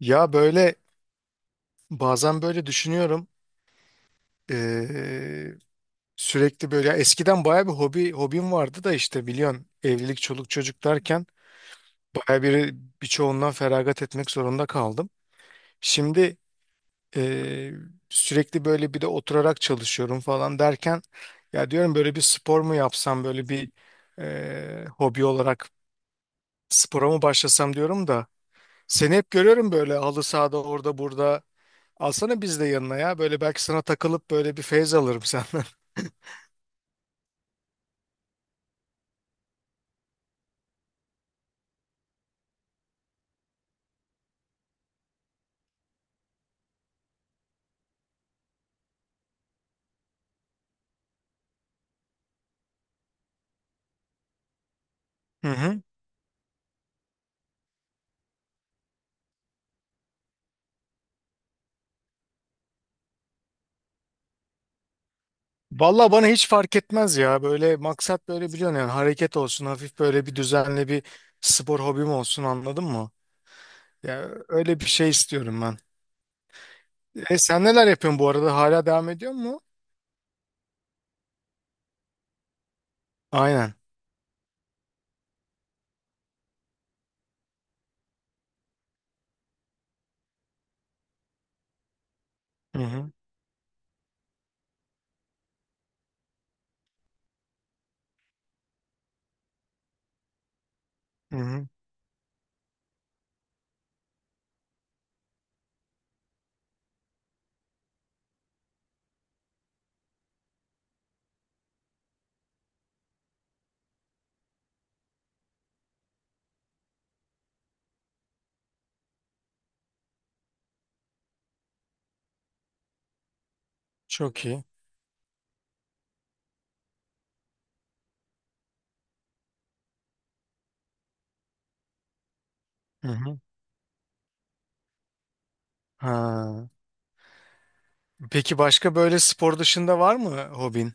Ya böyle bazen böyle düşünüyorum. Ee, Sürekli böyle ya eskiden baya bir hobim vardı da işte biliyorsun evlilik çoluk çocuk derken baya bir birçoğundan feragat etmek zorunda kaldım. Şimdi ee, sürekli böyle bir de oturarak çalışıyorum falan derken ya diyorum böyle bir spor mu yapsam böyle bir hobi olarak spora mı başlasam diyorum da seni hep görüyorum böyle halı sahada orada burada. Alsana biz de yanına ya. Böyle belki sana takılıp böyle bir feyz alırım senden. Hı hı. Vallahi bana hiç fark etmez ya. Böyle maksat böyle biliyorsun yani hareket olsun. Hafif böyle bir düzenli bir spor hobim olsun anladın mı? Ya öyle bir şey istiyorum ben. E sen neler yapıyorsun bu arada? Hala devam ediyor mu? Aynen. Hı hı. Hı hı. Çok iyi. Hı hı. Ha. Peki başka böyle spor dışında var mı hobin?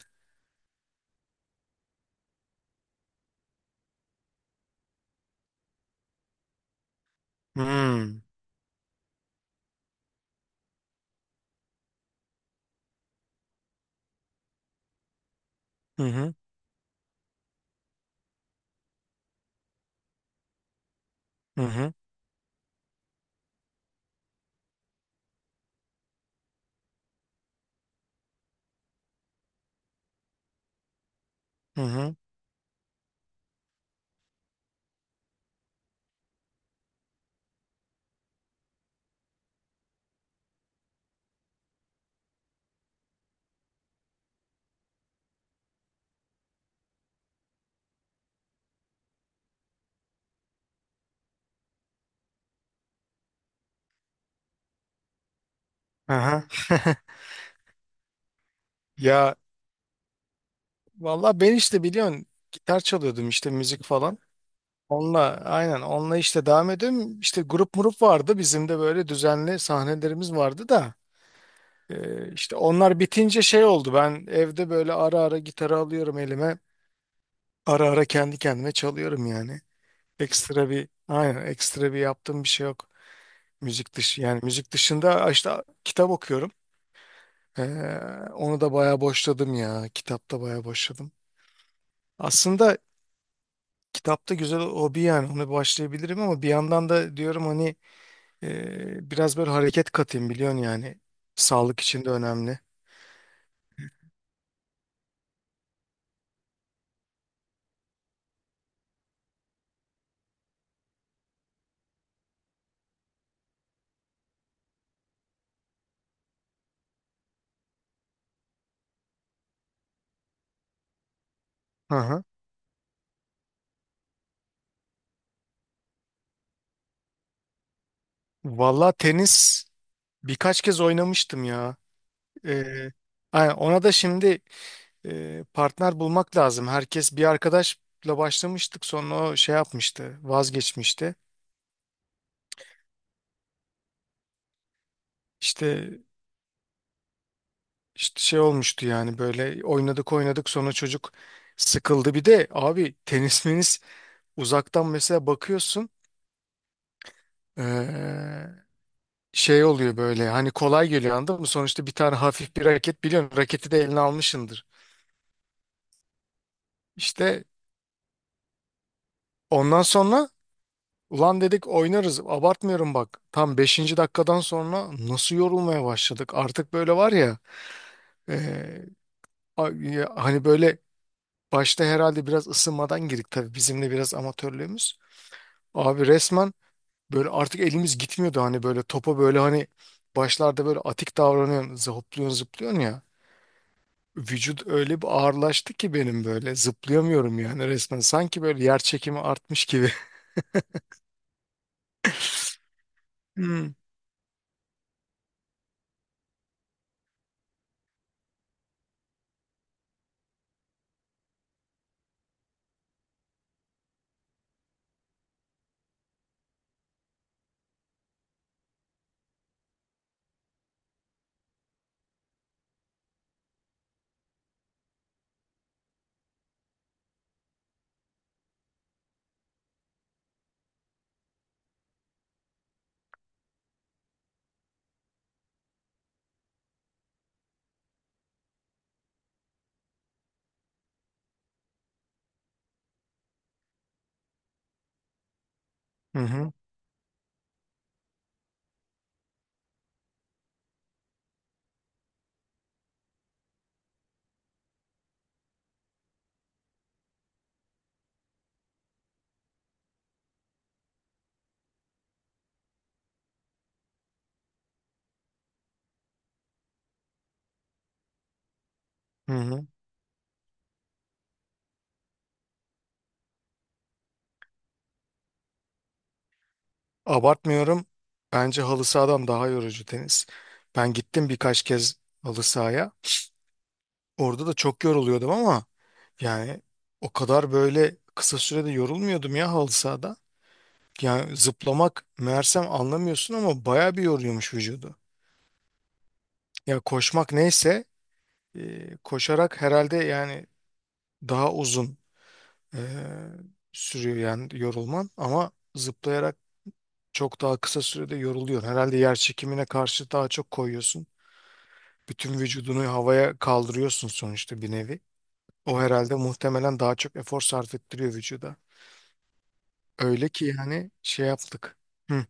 Hmm. Hı hı. Hı hı. Hı hı. Aha. Ya valla ben işte biliyorsun gitar çalıyordum işte müzik falan. Onunla aynen onunla işte devam ediyorum. İşte grup murup vardı bizim de böyle düzenli sahnelerimiz vardı da. İşte onlar bitince şey oldu, ben evde böyle ara ara gitarı alıyorum elime. Ara ara kendi kendime çalıyorum yani. Ekstra bir aynen ekstra bir yaptığım bir şey yok. Müzik dışı yani müzik dışında işte kitap okuyorum. Ee, Onu da bayağı boşladım ya. Kitapta bayağı boşladım. Aslında kitapta güzel hobi yani ona başlayabilirim ama bir yandan da diyorum hani biraz böyle hareket katayım biliyorsun yani. Sağlık için de önemli. Hı hı. Valla tenis birkaç kez oynamıştım ya. Ee, aynen, ona da şimdi partner bulmak lazım. Herkes bir arkadaşla başlamıştık sonra o şey yapmıştı vazgeçmişti. İşte, işte şey olmuştu yani böyle oynadık oynadık sonra çocuk sıkıldı. Bir de abi tenis menis uzaktan mesela bakıyorsun ee, şey oluyor böyle hani kolay geliyor anladın mı? Sonuçta bir tane hafif bir raket biliyorsun raketi de eline almışsındır. İşte ondan sonra ulan dedik oynarız. Abartmıyorum bak. Tam beşinci dakikadan sonra nasıl yorulmaya başladık. Artık böyle var ya. e, ya hani böyle başta herhalde biraz ısınmadan girdik tabii. Bizim de biraz amatörlüğümüz. Abi resmen böyle artık elimiz gitmiyordu. Hani böyle topa böyle hani başlarda böyle atik davranıyorsun. Zıplıyorsun zıplıyorsun ya. Vücut öyle bir ağırlaştı ki benim böyle. Zıplayamıyorum yani resmen. Sanki böyle yer çekimi artmış gibi. Hmm. Hı hı. Hı hı. Abartmıyorum. Bence halı sahadan daha yorucu tenis. Ben gittim birkaç kez halı sahaya. Orada da çok yoruluyordum ama yani o kadar böyle kısa sürede yorulmuyordum ya halı sahada. Yani zıplamak meğersem anlamıyorsun ama baya bir yoruyormuş vücudu. Ya koşmak neyse koşarak herhalde yani daha uzun e, sürüyor yani yorulman, ama zıplayarak çok daha kısa sürede yoruluyor. Herhalde yer çekimine karşı daha çok koyuyorsun. Bütün vücudunu havaya kaldırıyorsun sonuçta bir nevi. O herhalde muhtemelen daha çok efor sarf ettiriyor vücuda. Öyle ki yani şey yaptık. Hı.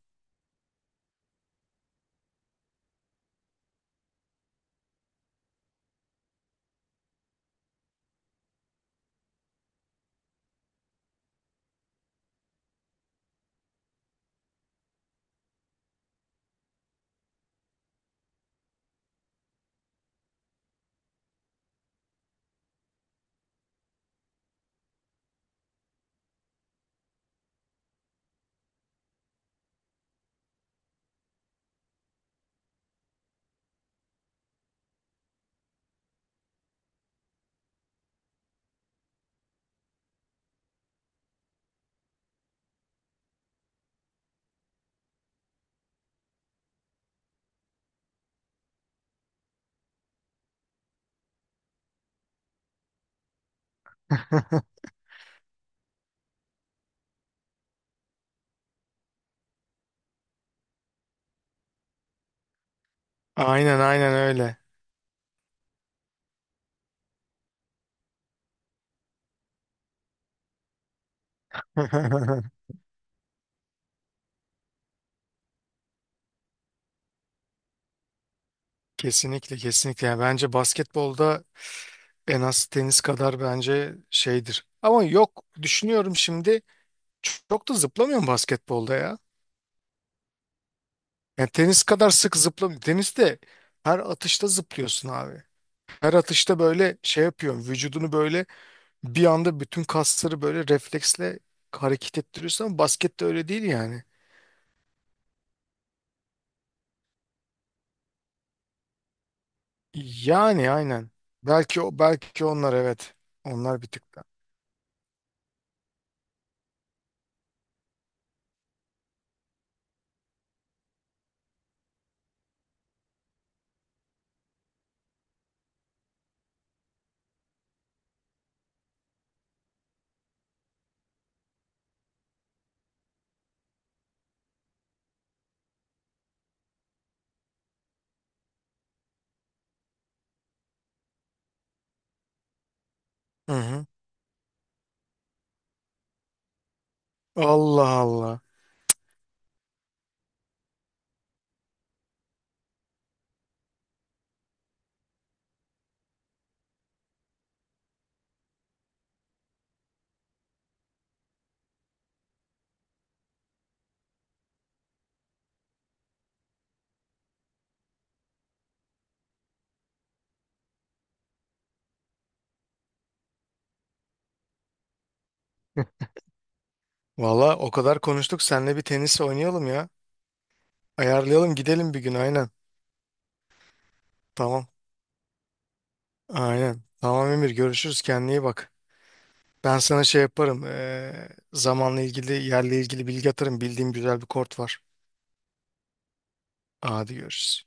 Aynen aynen öyle. Kesinlikle kesinlikle. Yani bence basketbolda en az tenis kadar bence şeydir. Ama yok, düşünüyorum şimdi çok da zıplamıyorum basketbolda ya. Yani tenis kadar sık zıplamıyorum. Teniste her atışta zıplıyorsun abi. Her atışta böyle şey yapıyorsun. Vücudunu böyle bir anda bütün kasları böyle refleksle hareket ettiriyorsun ama baskette öyle değil yani. Yani aynen. Belki o belki onlar evet. Onlar bir tık da. Hı hı. Allah Allah. Hı. Valla o kadar konuştuk. Seninle bir tenis oynayalım ya. Ayarlayalım gidelim bir gün aynen. Tamam. Aynen. Tamam Emir, görüşürüz, kendine iyi bak. Ben sana şey yaparım. Zamanla ilgili yerle ilgili bilgi atarım. Bildiğim güzel bir kort var. Hadi görüşürüz.